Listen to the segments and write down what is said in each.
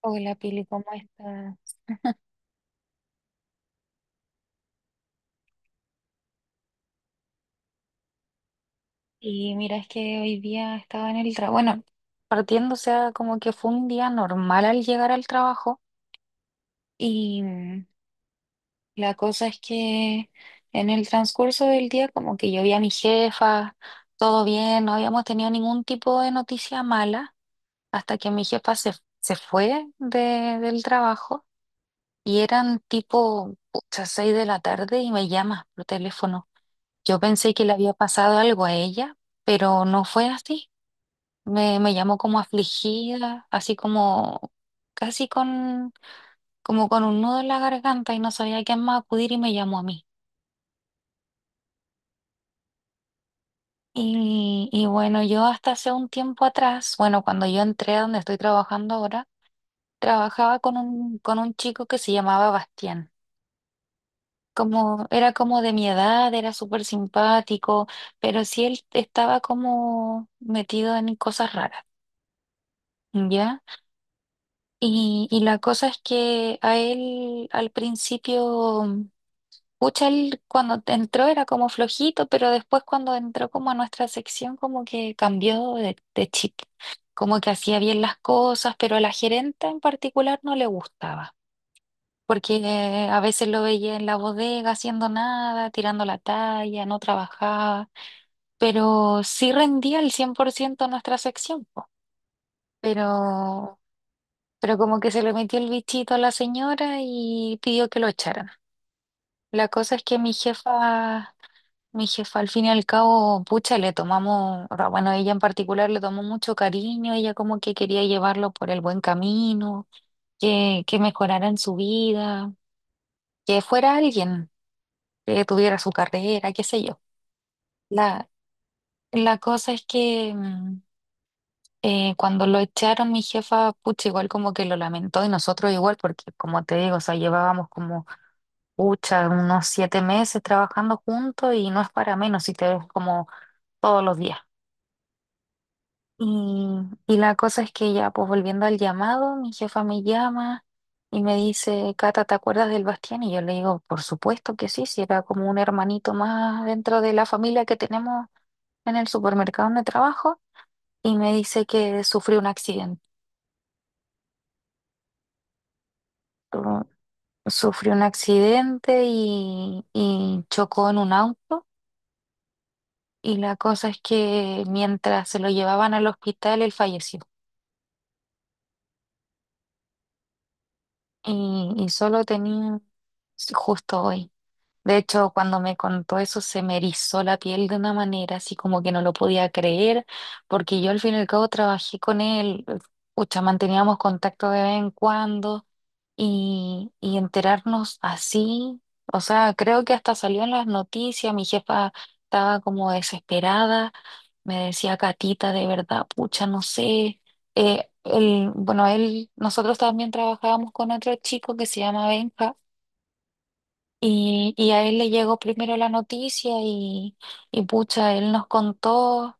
Hola Pili, ¿cómo estás? Y mira, es que hoy día estaba en el trabajo, bueno, partiendo, o sea, como que fue un día normal al llegar al trabajo y mm, la cosa es que en el transcurso del día como que yo vi a mi jefa, todo bien, no habíamos tenido ningún tipo de noticia mala hasta que mi jefa se, se fue del trabajo y eran tipo, pucha, seis de la tarde y me llama por teléfono. Yo pensé que le había pasado algo a ella, pero no fue así. Me llamó como afligida, así como casi con, como con un nudo en la garganta y no sabía a quién más acudir y me llamó a mí. Y bueno, yo hasta hace un tiempo atrás, bueno, cuando yo entré a donde estoy trabajando ahora, trabajaba con un chico que se llamaba Bastián. Como, era como de mi edad, era súper simpático, pero sí él estaba como metido en cosas raras, ¿ya? Y la cosa es que a él al principio, pucha, él cuando entró era como flojito, pero después cuando entró como a nuestra sección como que cambió de chip, como que hacía bien las cosas, pero a la gerenta en particular no le gustaba, porque a veces lo veía en la bodega haciendo nada, tirando la talla, no trabajaba, pero sí rendía el 100% nuestra sección, po. Pero Pero como que se le metió el bichito a la señora y pidió que lo echaran. La cosa es que mi jefa al fin y al cabo, pucha, le tomamos, o sea, bueno, ella en particular le tomó mucho cariño, ella como que quería llevarlo por el buen camino, que mejorara en su vida, que fuera alguien, que tuviera su carrera, qué sé yo. La, la cosa es que cuando lo echaron, mi jefa, pucha, igual como que lo lamentó y nosotros igual, porque como te digo, o sea, llevábamos como pucha, unos 7 meses trabajando juntos y no es para menos si te ves como todos los días. Y, y la cosa es que ya, pues volviendo al llamado, mi jefa me llama y me dice, Cata, ¿te acuerdas del Bastián? Y yo le digo, por supuesto que sí, si era como un hermanito más dentro de la familia que tenemos en el supermercado donde trabajo. Y me dice que sufrió un accidente. Sufrió un accidente y chocó en un auto. Y la cosa es que mientras se lo llevaban al hospital, él falleció. Y solo tenía, sí, justo hoy. De hecho, cuando me contó eso se me erizó la piel de una manera así como que no lo podía creer, porque yo al fin y al cabo trabajé con él, pucha, manteníamos contacto de vez en cuando y enterarnos así, o sea, creo que hasta salió en las noticias, mi jefa estaba como desesperada, me decía, Catita, de verdad, pucha, no sé. Bueno, él, nosotros también trabajábamos con otro chico que se llama Benja y a él le llegó primero la noticia y pucha, él nos contó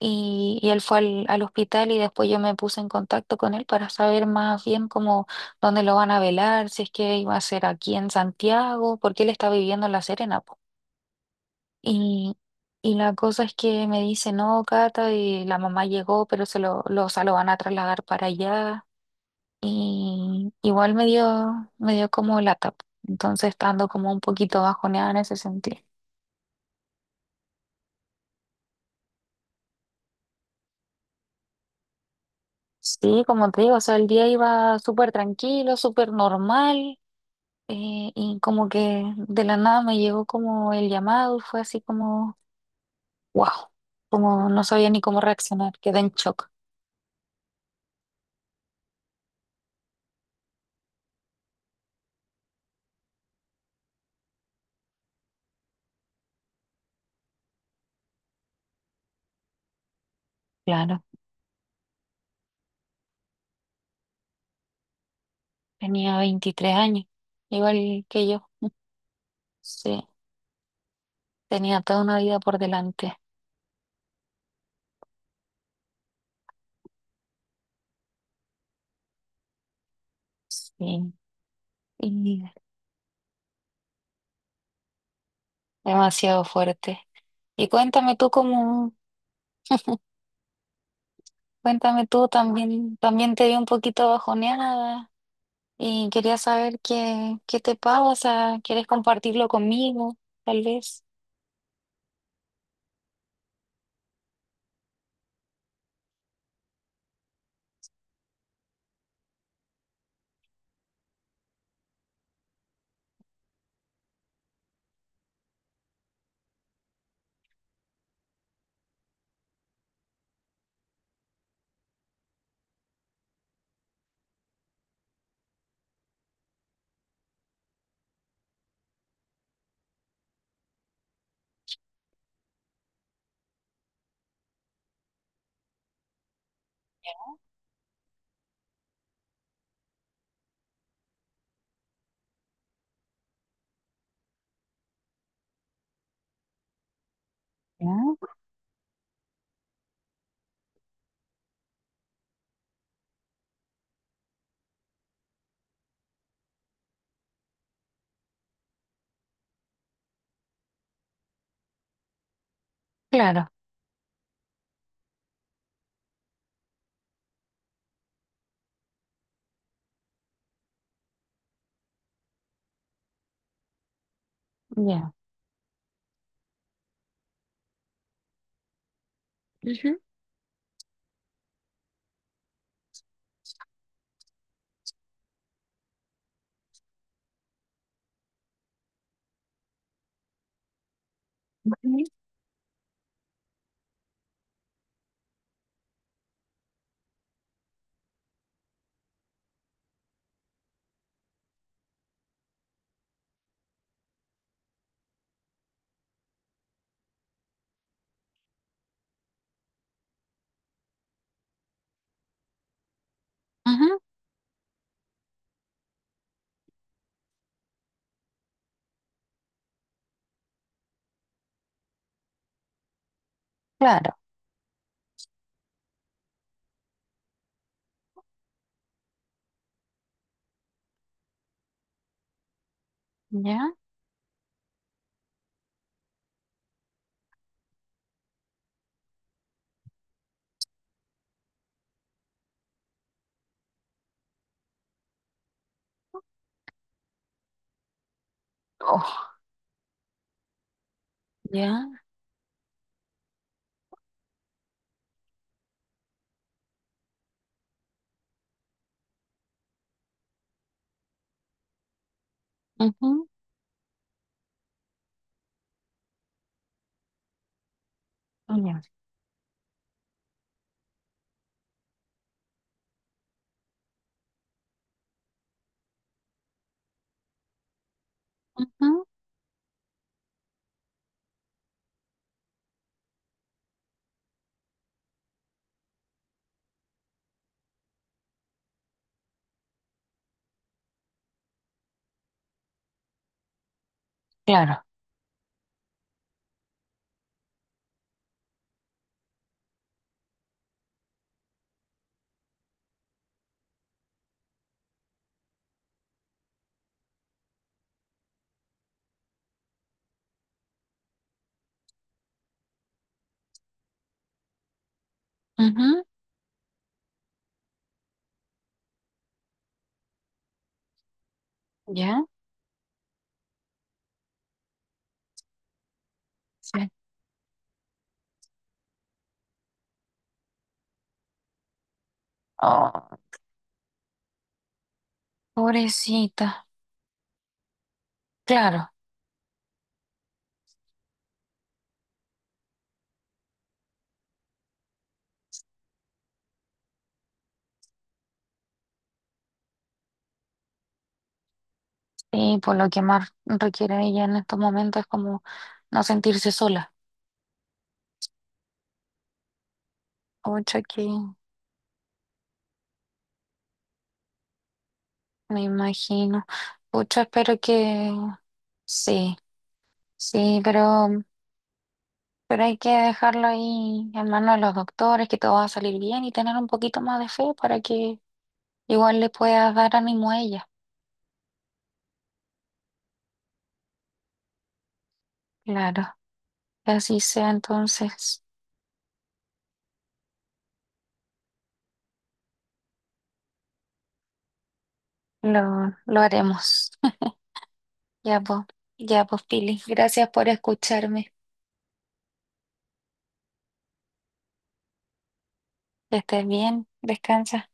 y él fue al hospital y después yo me puse en contacto con él para saber más bien cómo, dónde lo van a velar, si es que iba a ser aquí en Santiago, porque él está viviendo en La Serena, po. Y, y la cosa es que me dice, no, Cata, y la mamá llegó, pero o sea, lo van a trasladar para allá. Y igual me dio como lata. Entonces estando como un poquito bajoneada en ese sentido. Sí, como te digo, o sea, el día iba súper tranquilo, súper normal. Eh, y como que de la nada me llegó como el llamado y fue así como, wow, como no sabía ni cómo reaccionar, quedé en shock. Claro, tenía 23 años, igual que yo. Sí, tenía toda una vida por delante. Sí, y demasiado fuerte. Y cuéntame tú cómo, Cuéntame tú, también, también te vi un poquito bajoneada y quería saber qué te pasa, ¿quieres compartirlo conmigo, tal vez? Ya, claro, ya. Ujú. Ujú, ujú, claro, ya. Oh, ya, ujú, ya, ujú, claro, ujú, ya, sí. Oh, pobrecita, claro. Y por lo que más requiere ella en estos momentos es como no sentirse sola. Ocho me imagino. Pucha, espero que sí, sí, pero hay que dejarlo ahí en manos de los doctores, que todo va a salir bien y tener un poquito más de fe para que igual le puedas dar ánimo a ella. Claro, que así sea, entonces lo haremos. Ya pues, ya pues, Pili, gracias por escucharme. Que estés bien, descansa.